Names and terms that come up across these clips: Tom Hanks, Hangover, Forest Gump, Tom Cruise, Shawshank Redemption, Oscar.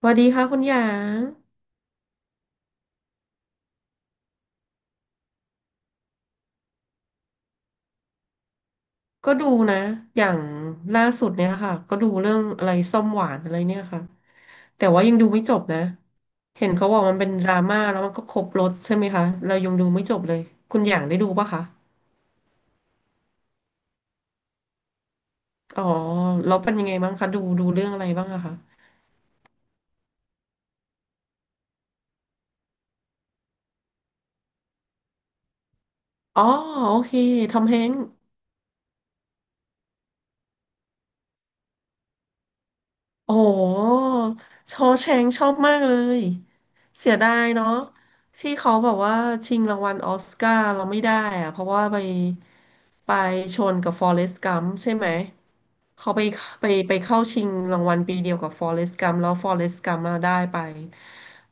สวัสดีค่ะคุณหยางก็ดูนะอย่างล่าสุดเนี่ยค่ะก็ดูเรื่องอะไรส้มหวานอะไรเนี่ยค่ะแต่ว่ายังดูไม่จบนะเห็นเขาบอกมันเป็นดราม่าแล้วมันก็ครบรสใช่ไหมคะเรายังดูไม่จบเลยคุณหยางได้ดูปะคะอ๋อแล้วเป็นยังไงบ้างคะดูเรื่องอะไรบ้างอะคะอ๋อโอเคทอมแฮงค์ โอ้โอว์แชงก์ชอบมากเลยเสียดายเนาะที่เขาแบบว่าชิงรางวัลออสการ์เราไม่ได้อะเพราะว่าไปชนกับฟอเรสต์กัมใช่ไหมเขาไปเข้าชิงรางวัลปีเดียวกับฟอเรสต์กัมแล้วฟอเรสต์กัมมาได้ไป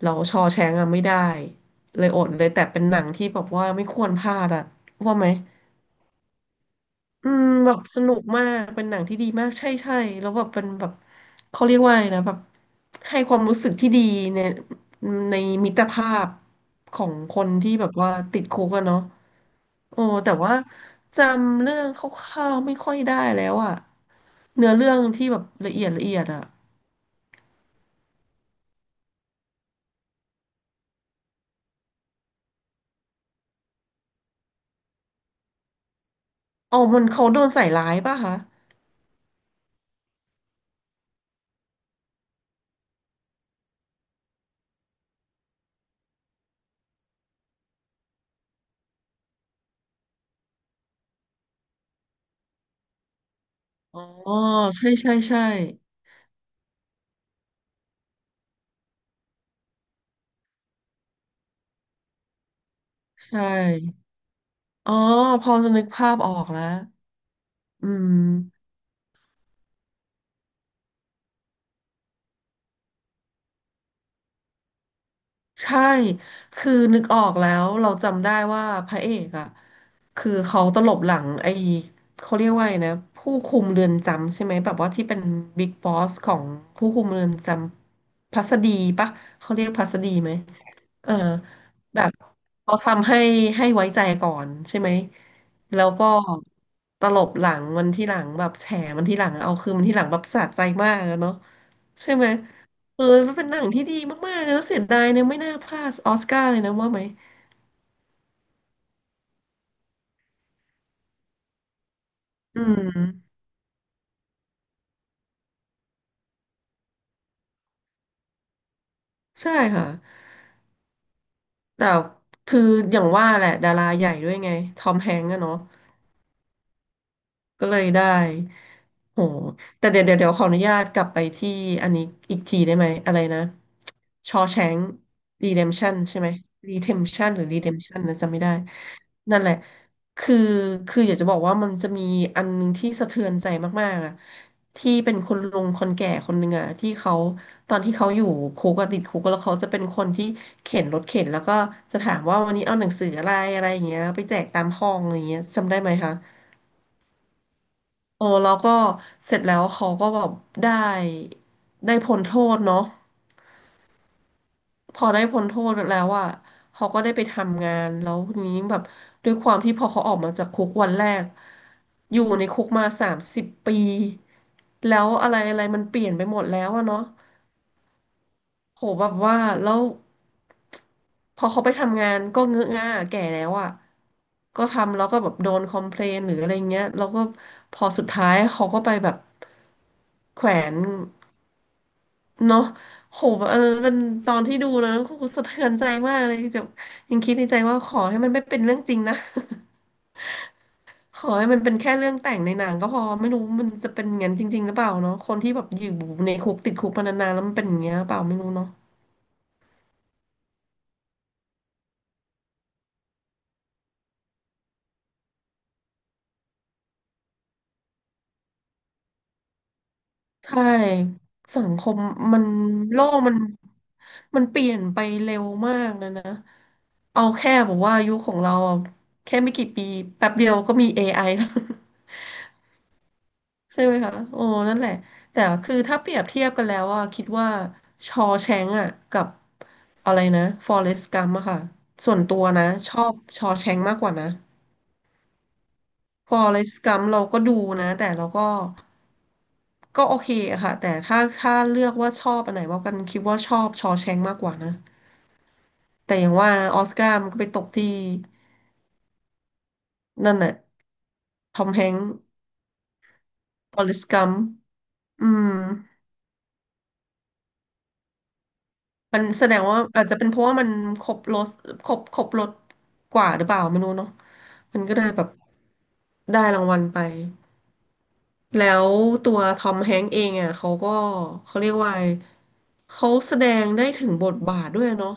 เราชอว์แชงก์อะไม่ได้เลยอดเลยแต่เป็นหนังที่แบบว่าไม่ควรพลาดอะว่าไหม อืมแบบสนุกมากเป็นหนังที่ดีมากใช่ใช่แล้วแบบเป็นแบบเขาเรียกว่าอะไรนะแบบให้ความรู้สึกที่ดีในในมิตรภาพของคนที่แบบว่าติดคุกอะเนาะโอ้แต่ว่าจำเรื่องคร่าวๆไม่ค่อยได้แล้วอะเนื้อเรื่องที่แบบละเอียดละเอียดอะอ๋อมันเขาโดนใส่ร้ายป่ะคะอ๋อใช่ใช่ใช่ใช่อ๋อพอจะนึกภาพออกแล้วอืม ใช่ คือนึกออกแล้วเราจำได้ว่าพระเอกอ่ะคือเขาตลบหลังไอ้เขาเรียกว่าอะไรนะผู้คุมเรือนจำใช่ไหมแบบว่าที่เป็นบิ๊กบอสของผู้คุมเรือนจำพัสดีปะเขาเรียกพัสดีไหมเออแบบเขาทำให้ให้ไว้ใจก่อนใช่ไหมแล้วก็ตลบหลังมันที่หลังแบบแฉมันที่หลังเอาคืนมันที่หลังแบบสะใจมากอะเนาะ ใช่ไหม เออมันเป็นหนังที่ดีมากๆเลยแล้วเสียดายเนี่ยไม่น่าพลาดออสการ์เลยนะว่าไหม อืม ใช่ค่ะ แต่คืออย่างว่าแหละดาราใหญ่ด้วยไง ทอมแฮงก์อะเนาะ ก็เลยได้โหแต่เดี๋ยวขออนุญาตกลับไปที่อันนี้อีกทีได้ไหมอะไรนะชอแชงรีเดมชันใช่ไหมรีเทมชันหรือรีเดมชันนะจำไม่ได้นั่นแหละคือคืออยากจะบอกว่ามันจะมีอันหนึงที่สะเทือนใจมากๆอะที่เป็นคนลุงคนแก่คนหนึ่งอะที่เขาตอนที่เขาอยู่คุกอะติดคุกแล้วเขาจะเป็นคนที่เข็นรถเข็นแล้วก็จะถามว่าวันนี้เอาหนังสืออะไรอะไรอย่างเงี้ยไปแจกตามห้องอะไรอย่างเงี้ยจำได้ไหมคะ โอ้แล้วก็เสร็จแล้วเขาก็แบบได้ได้พ้นโทษเนาะพอได้พ้นโทษแล้วอ่ะเขาก็ได้ไปทำงานแล้วทีนี้แบบด้วยความที่พอเขาออกมาจากคุกวันแรกอยู่ในคุกมา30 ปีแล้วอะไรอะไรมันเปลี่ยนไปหมดแล้วอะเนาะ โหแบบว่าแล้วพอเขาไปทำงานก็เงอะง่าแก่แล้วอ่ะก็ทำแล้วก็แบบโดนคอมเพลนหรืออะไรเงี้ยแล้วก็พอสุดท้ายเขาก็ไปแบบแขวนเนาะโหแบบเออมันตอนที่ดูนะก็คือสะเทือนใจมากเลยจะยังคิดในใจว่าขอให้มันไม่เป็นเรื่องจริงนะ ขอให้มันเป็นแค่เรื่องแต่งในหนังก็พอไม่รู้มันจะเป็นอย่างนั้นจริงๆหรือเปล่าเนาะคนที่แบบอยู่ในคุกติดคุกมานานๆแล้วมันเป็นอย่างเงี้ยหรือเปล่าไม่รู้เนาะ ใช่สังคมมันโลกมันเปลี่ยนไปเร็วมากนะนะเอาแค่บอกว่ายุคของเราอะแค่ไม่กี่ปีแป๊บเดียวก็มี AI แล้ว ใช่ไหมคะโอ้นั่นแหละแต่คือถ้าเปรียบเทียบกันแล้วอะคิดว่าชอแชงก์อะกับอะไรนะฟอเรสต์กัมอะค่ะส่วนตัวนะชอบชอแชงก์มากกว่านะ ฟอเรสต์กัมเราก็ดูนะแต่เราก็ก็โอเคอะค่ะแต่ถ้าเลือกว่าชอบอันไหนมากกันคิดว่าชอบชอแชงมากกว่านะแต่อย่างว่าออสการ์มันก็ไปตกที่นั่นแหละทอมแฮงค์ฟอเรสต์กัมอืมมันแสดงว่าอาจจะเป็นเพราะว่ามันครบรสครบรสกว่าหรือเปล่าไม่รู้เนาะมันก็เลยแบบได้รางวัลไป แล้วตัวทอมแฮงค์เองอ่ะเขาก็เขาเรียกว่าไงเขาแสดงได้ถึงบทบาทด้วยเนาะ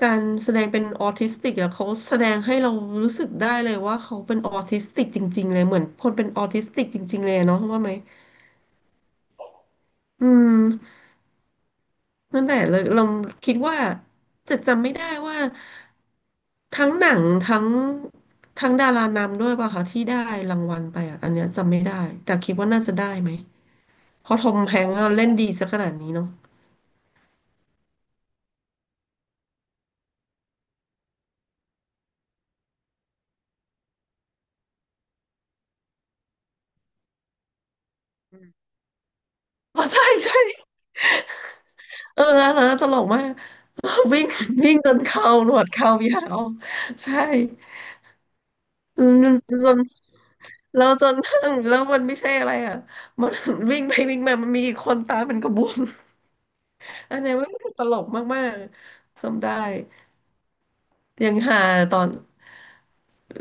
การแสดงเป็นออทิสติกอ่ะเขาแสดงให้เรารู้สึกได้เลยว่าเขาเป็นออทิสติกจริงๆเลยเหมือนคนเป็นออทิสติกจริงๆเลยเนาะว่าไหมอืมนั่นแหละเลยเราคิดว่าจะจำไม่ได้ว่าทั้งหนังทั้งทั้งดารานำด้วยป่ะคะที่ได้รางวัลไปอ่ะอันเนี้ยจำไม่ได้แต่คิดว่าน่าจะได้ไหม เพราะทอมแฮงก์เล่นดีซะขนาดนี้เนาะอ๋อใช่ใช่เอออันนั้นตลกมากวิ่งวิ่งจนเข่าหนวดเข่ายาวใช่เราจนแล้วจน แล้วมันไม่ใช่อะไรอ่ะมันวิ่งไปวิ่งมามันมีอีกคนตามเป็นกระบวน อันนี้มันตลกมากๆจำได้ยังหาตอน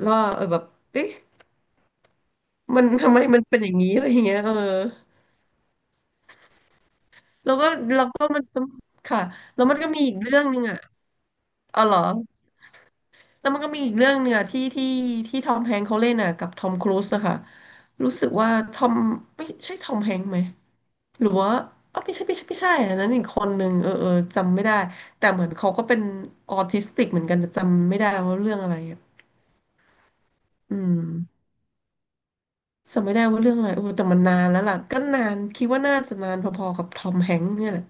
ว่าเออแบบเอ๊ะมันทำไมมันเป็นอย่างนี้อะไรอย่างเงี้ยเออแล้วก็แล้วก็มันจะค่ะแล้วมันก็มีอีกเรื่องหนึ่งอ่ะอ๋อเหรอ แล้วมันก็มีอีกเรื่องเนี่ยที่ทอมแฮงค์เขาเล่นอ่ะกับทอมครูซนะคะรู้สึกว่าทอมไม่ใช่ทอมแฮงค์ไหมหรือว่าอ๋อไม่ใช่อันนั้นอีกคนหนึ่งเออเออจำไม่ได้แต่เหมือนเขาก็เป็นออทิสติกเหมือนกันแต่จำไม่ได้ว่าเรื่องอะไรอ่ะอืมจำไม่ได้ว่าเรื่องอะไรโอ้แต่มันนานแล้วล่ะก็นานคิดว่าน่าจะนานพอๆกับทอมแฮงค์เนี่ยแหละ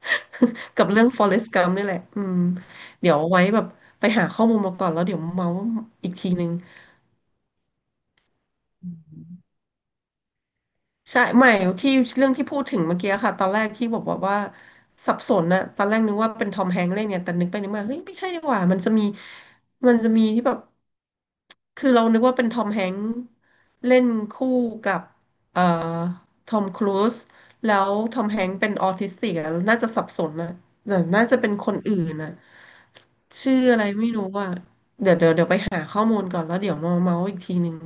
กับเรื่องฟอเรสต์กัมป์นี่แหละอืมเดี๋ยวเอาไว้แบบไปหาข้อมูลมาก่อนแล้วเดี๋ยวมาเมาอีกทีนึง ใช่ไม่ที่เรื่องที่พูดถึงเมื่อกี้ค่ะตอนแรกที่บอกว่าสับสนนะตอนแรกนึกว่าเป็นทอมแฮงค์เล่นเนี่ยแต่นึกไปนึกมาเฮ้ยไม่ใช่ดีกว่ามันจะมีที่แบบคือเรานึกว่าเป็นทอมแฮงค์เล่นคู่กับเอ่อทอมครูซแล้วทอมแฮงค์เป็นออทิสติกอะน่าจะสับสนนะแต่น่าจะเป็นคนอื่นนะชื่ออะไรไม่รู้ว่าเดี๋ยวไปหาข้อมูลก่อนแล้วเดี๋ยวมาเมาส์อีกทีนึง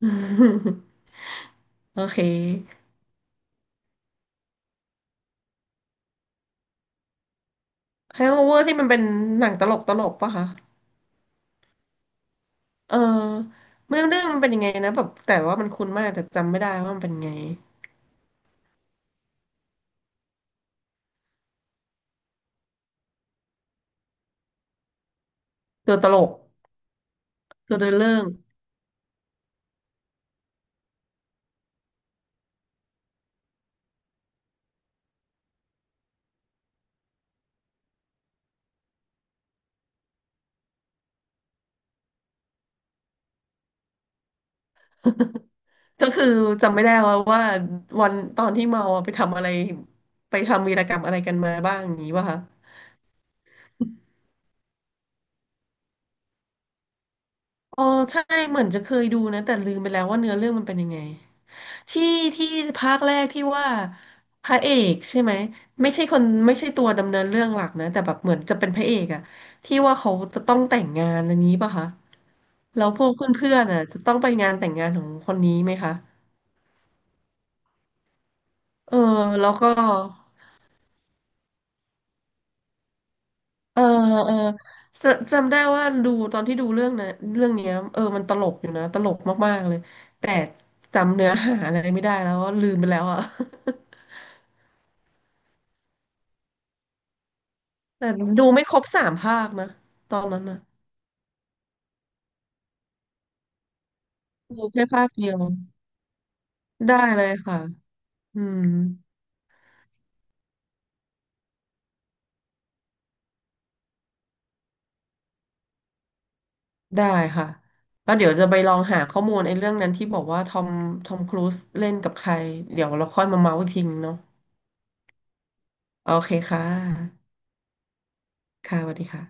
โอเค Hangover ที่มันเป็นหนังตลกปะคะเออเรื่องเรื่องมันเป็นยังไงนะแบบแต่ว่ามันคุ้นมากแต่จำไม่ได้ว่ามันเป็นไงตัวตลกตัวเดินเรื่องก็คือจำไม่ได้ว่าวันตอนที่เมาอะไปทำอะไรไปทำวีรกรรมอะไรกันมาบ้างอย่างนี้ป่ะคะอ๋อใช่เหมือนจะเคยดูนะแต่ลืมไปแล้วว่าเนื้อเรื่องมันเป็นยังไง ที่ที่ภาคแรกที่ว่าพระเอกใช่ไหมไม่ใช่คนไม่ใช่ตัวดำเนินเรื่องหลักนะแต่แบบเหมือนจะเป็นพระเอกอะที่ว่าเขาจะต้องแต่งงานอันนี้ป่ะคะแล้วพวกเพื่อนๆอะจะต้องไปงานแต่งงานของคนนี้ไหมคะเออแล้วก็เออจะจำได้ว่าดูตอนที่ดูเรื่องนะเรื่องเนี้ยเออมันตลกอยู่นะตลกมากๆเลยแต่จำเนื้อหาอะไรไม่ได้แล้วว่าลืมไปแล้วอะ แต่ดูไม่ครบสามภาคนะตอนนั้นนะ ดูแค่ภาคเดียวได้เลยค่ะอืมได้ค่ะ แล้วเดี๋ยวจะไปลองหาข้อมูลไอ้เรื่องนั้นที่บอกว่าทอมครูซเล่นกับใคร เดี๋ยวเราค่อยมาเมาส์อีกทีนึงเนาะโอเคค่ะ ค่ะสวัสดีค่ะ